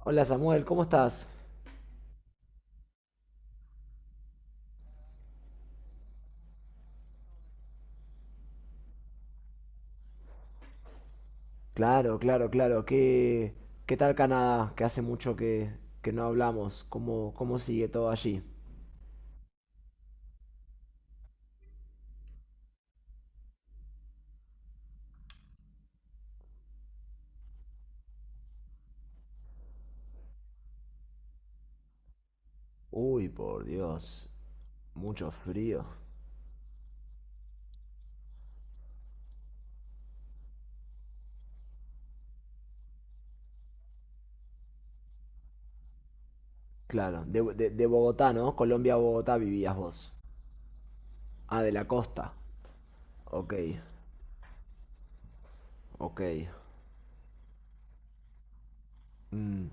Hola Samuel, ¿cómo estás? Claro, claro, claro. ¿Qué tal Canadá? Que hace mucho que no hablamos. ¿Cómo sigue todo allí? Uy, por Dios. Mucho frío. Claro, de Bogotá, ¿no? Colombia, a Bogotá vivías vos. Ah, de la costa. Ok, ok. Mm,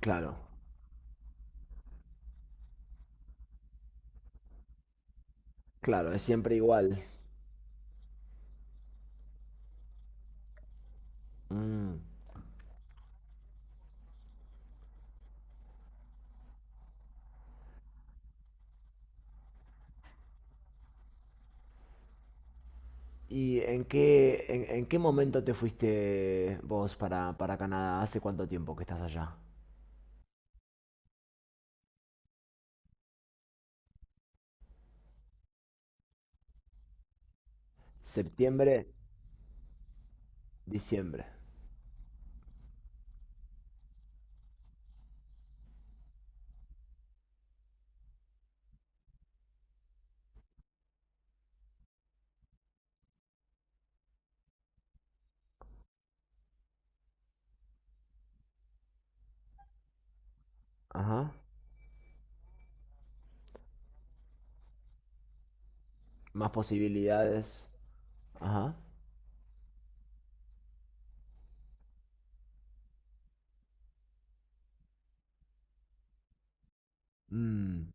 claro, claro, es siempre igual. Mm. ¿En qué momento te fuiste vos para Canadá? ¿Hace cuánto tiempo que estás allá? Septiembre. Diciembre. Ajá. Más posibilidades. Ajá. Mm,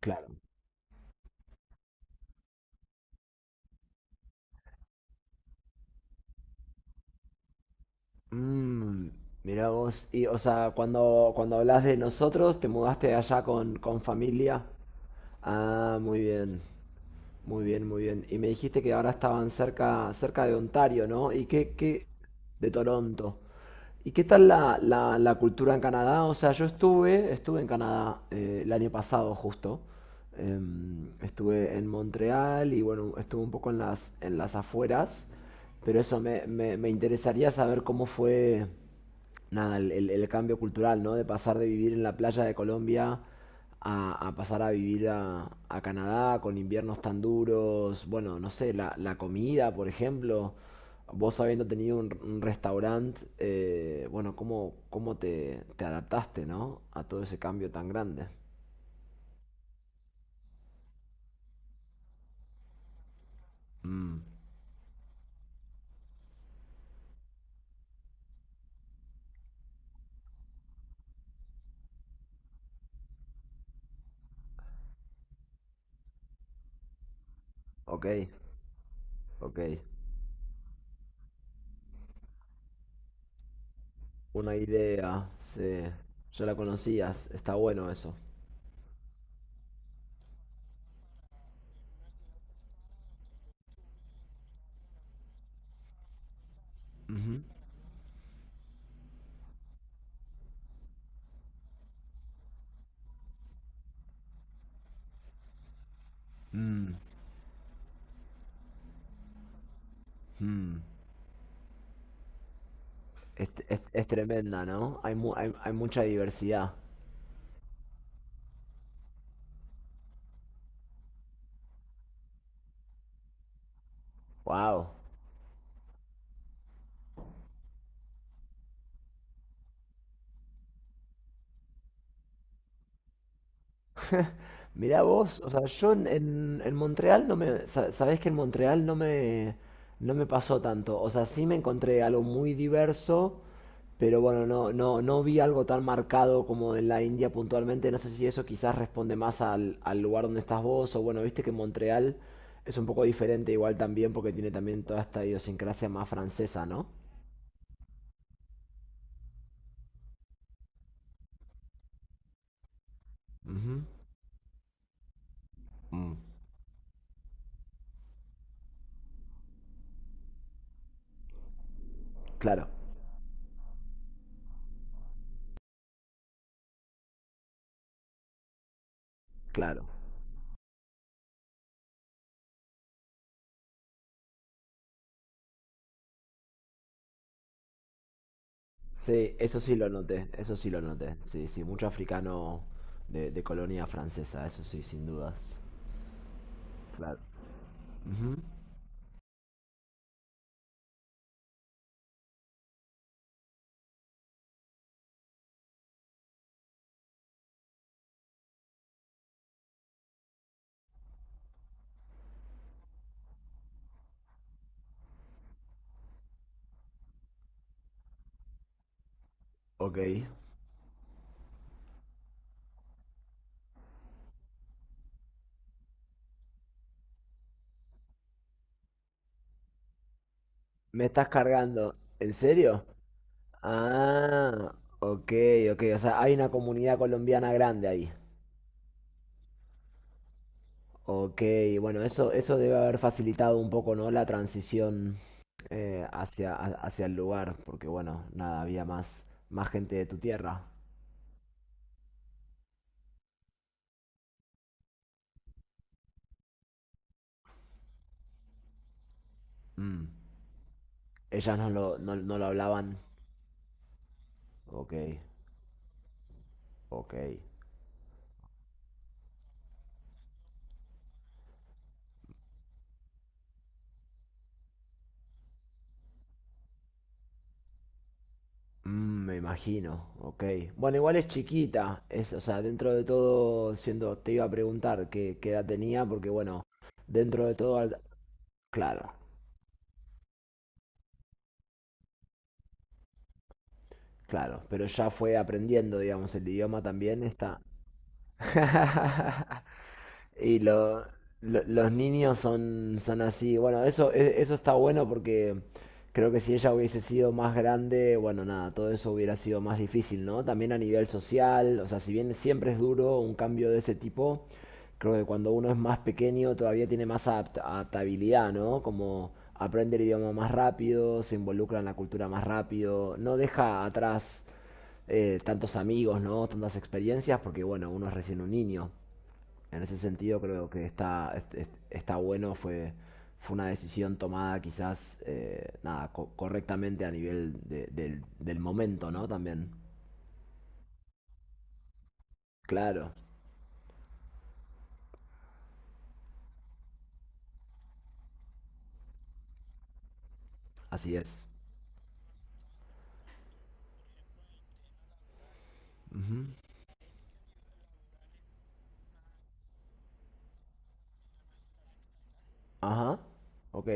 claro. Mm, mira vos. Y, o sea, cuando hablas de nosotros, te mudaste allá con familia. Ah, muy bien. Muy bien, muy bien. Y me dijiste que ahora estaban cerca, cerca de Ontario, ¿no? ¿ de Toronto? ¿Y qué tal la cultura en Canadá? O sea, yo estuve, estuve en Canadá el año pasado justo. Estuve en Montreal y bueno, estuve un poco en las afueras, pero eso me interesaría saber cómo fue, nada, el cambio cultural, ¿no? De pasar de vivir en la playa de Colombia a pasar a vivir a Canadá con inviernos tan duros, bueno, no sé, la comida, por ejemplo, vos habiendo tenido un restaurante, bueno, ¿cómo te adaptaste, ¿no? A todo ese cambio tan grande. Mm, ok, ok. Una idea, sí. Ya la conocías, está bueno eso. Ujú. Mm, mm. Es tremenda, ¿no? Hay mucha diversidad. Wow. Mirá vos, o sea, yo en Montreal no me... sa- Sabés que en Montreal no me, no me pasó tanto. O sea, sí me encontré algo muy diverso, pero bueno, no, no, no vi algo tan marcado como en la India puntualmente. No sé si eso quizás responde más al lugar donde estás vos, o bueno, viste que Montreal es un poco diferente igual también porque tiene también toda esta idiosincrasia más francesa, ¿no? Ujú. Mm, claro, claro. Sí, eso sí lo noté, eso sí lo noté. Sí, sí, mucho africano de colonia francesa, eso sí, sin dudas. Claro. Ok. Me estás cargando. ¿En serio? Ah, ok, ok. O sea, hay una comunidad colombiana grande ahí. Ok, bueno, eso debe haber facilitado un poco, ¿no? La transición hacia, ha- hacia el lugar, porque bueno, nada, había más, más gente de tu tierra. Mm. Ellas no lo, no, no lo hablaban. Ok, ok. Mm, me imagino, ok. Bueno, igual es chiquita, es, o sea, dentro de todo, siendo, te iba a preguntar qué, qué edad tenía, porque bueno, dentro de todo, al- claro, claro, pero ya fue aprendiendo, digamos, el idioma también está. Y lo- los niños son, son así. Bueno, eso, e- eso está bueno porque creo que si ella hubiese sido más grande, bueno, nada, todo eso hubiera sido más difícil, ¿no? También a nivel social, o sea, si bien siempre es duro un cambio de ese tipo, creo que cuando uno es más pequeño todavía tiene más adapt- adaptabilidad, ¿no? Como aprende el idioma más rápido, se involucra en la cultura más rápido, no deja atrás tantos amigos, ¿no? Tantas experiencias, porque bueno, uno es recién un niño. En ese sentido creo que está, está bueno, fue, fue una decisión tomada quizás nada, co- correctamente a nivel de- del, del momento, ¿no? También. Claro, así es. Ajá, ok.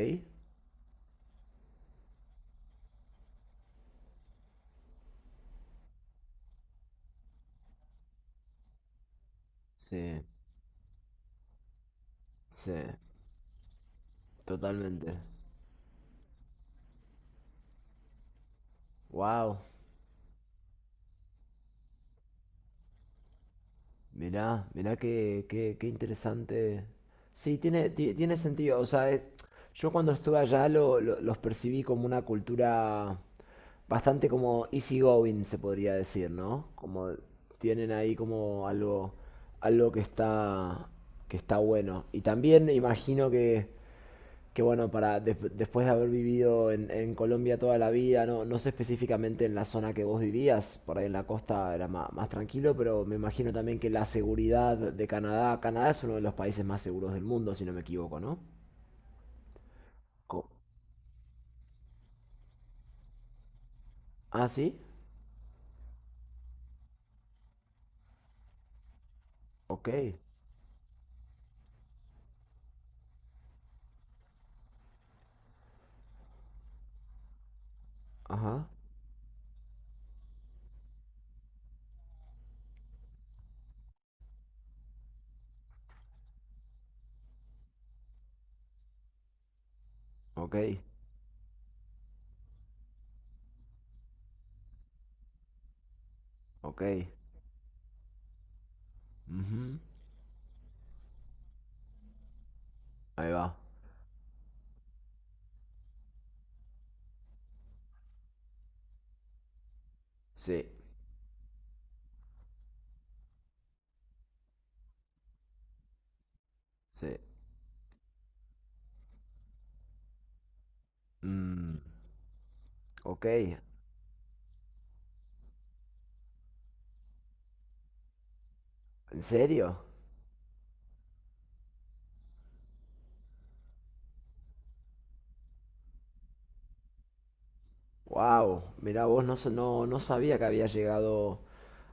Sí, sí, totalmente. Wow. Mirá, mirá qué interesante. Sí, tiene, ti- tiene sentido. O sea, es- yo cuando estuve allá lo- los percibí como una cultura bastante como easygoing, se podría decir, ¿no? Como tienen ahí como algo, algo que está bueno. Y también imagino que bueno, para des- después de haber vivido en Colombia toda la vida, no, no sé específicamente en la zona que vos vivías, por ahí en la costa era ma- más, tranquilo, pero me imagino también que la seguridad de Canadá, Canadá es uno de los países más seguros del mundo, si no me equivoco, ¿no? Co- ah, sí, ok, ajá, ok, ok, ujú, ahí va, sí, sí, mm, ok, ¿en serio? Wow, mirá vos, no, sa- no, no sabía que había llegado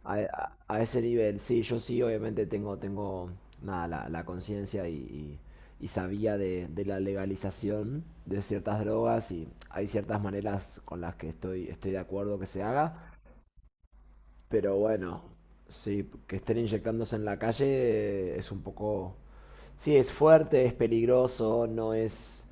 a ese nivel. Sí, yo sí, obviamente tengo, tengo nada, la conciencia y sabía de la legalización de ciertas drogas y hay ciertas maneras con las que estoy, estoy de acuerdo que se haga, pero bueno, sí, que estén inyectándose en la calle es un poco... Sí, es fuerte, es peligroso, no es...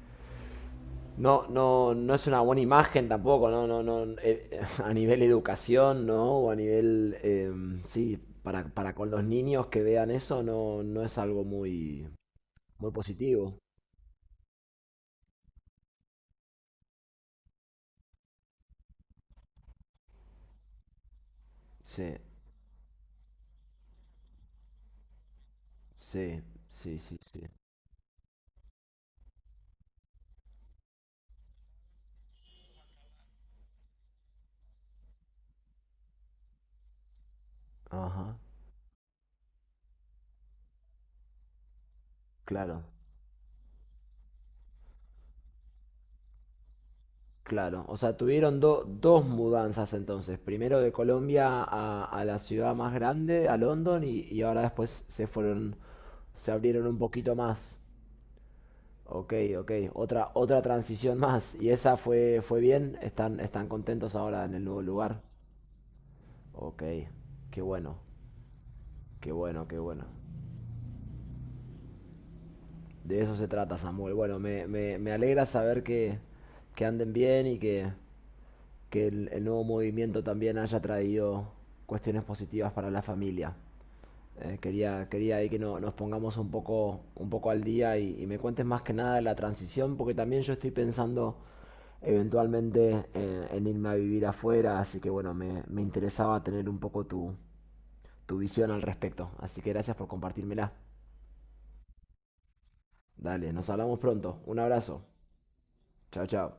No, no, no es una buena imagen tampoco, no, no, no. A nivel educación, ¿no? O a nivel, sí, para con los niños que vean eso, no, no es algo muy, muy positivo. Sí, sí, sí, sí, sí. Ajá, claro, claro. O sea, tuvieron do- dos mudanzas entonces. Primero de Colombia a la ciudad más grande, a London, y ahora después se fueron, se abrieron un poquito más. Ok, ok. Otra, otra transición más. ¿Y esa fue, fue bien? ¿Están, están contentos ahora en el nuevo lugar? Ok, qué bueno, qué bueno, qué bueno. De eso se trata, Samuel. Bueno, me alegra saber que anden bien y que el nuevo movimiento también haya traído cuestiones positivas para la familia. Quería, quería ahí que no- nos pongamos un poco al día y me cuentes más que nada de la transición, porque también yo estoy pensando eventualmente en irme a vivir afuera, así que bueno, me interesaba tener un poco tu, tu visión al respecto. Así que gracias por compartírmela. Dale, nos hablamos pronto. Un abrazo. Chao, chao.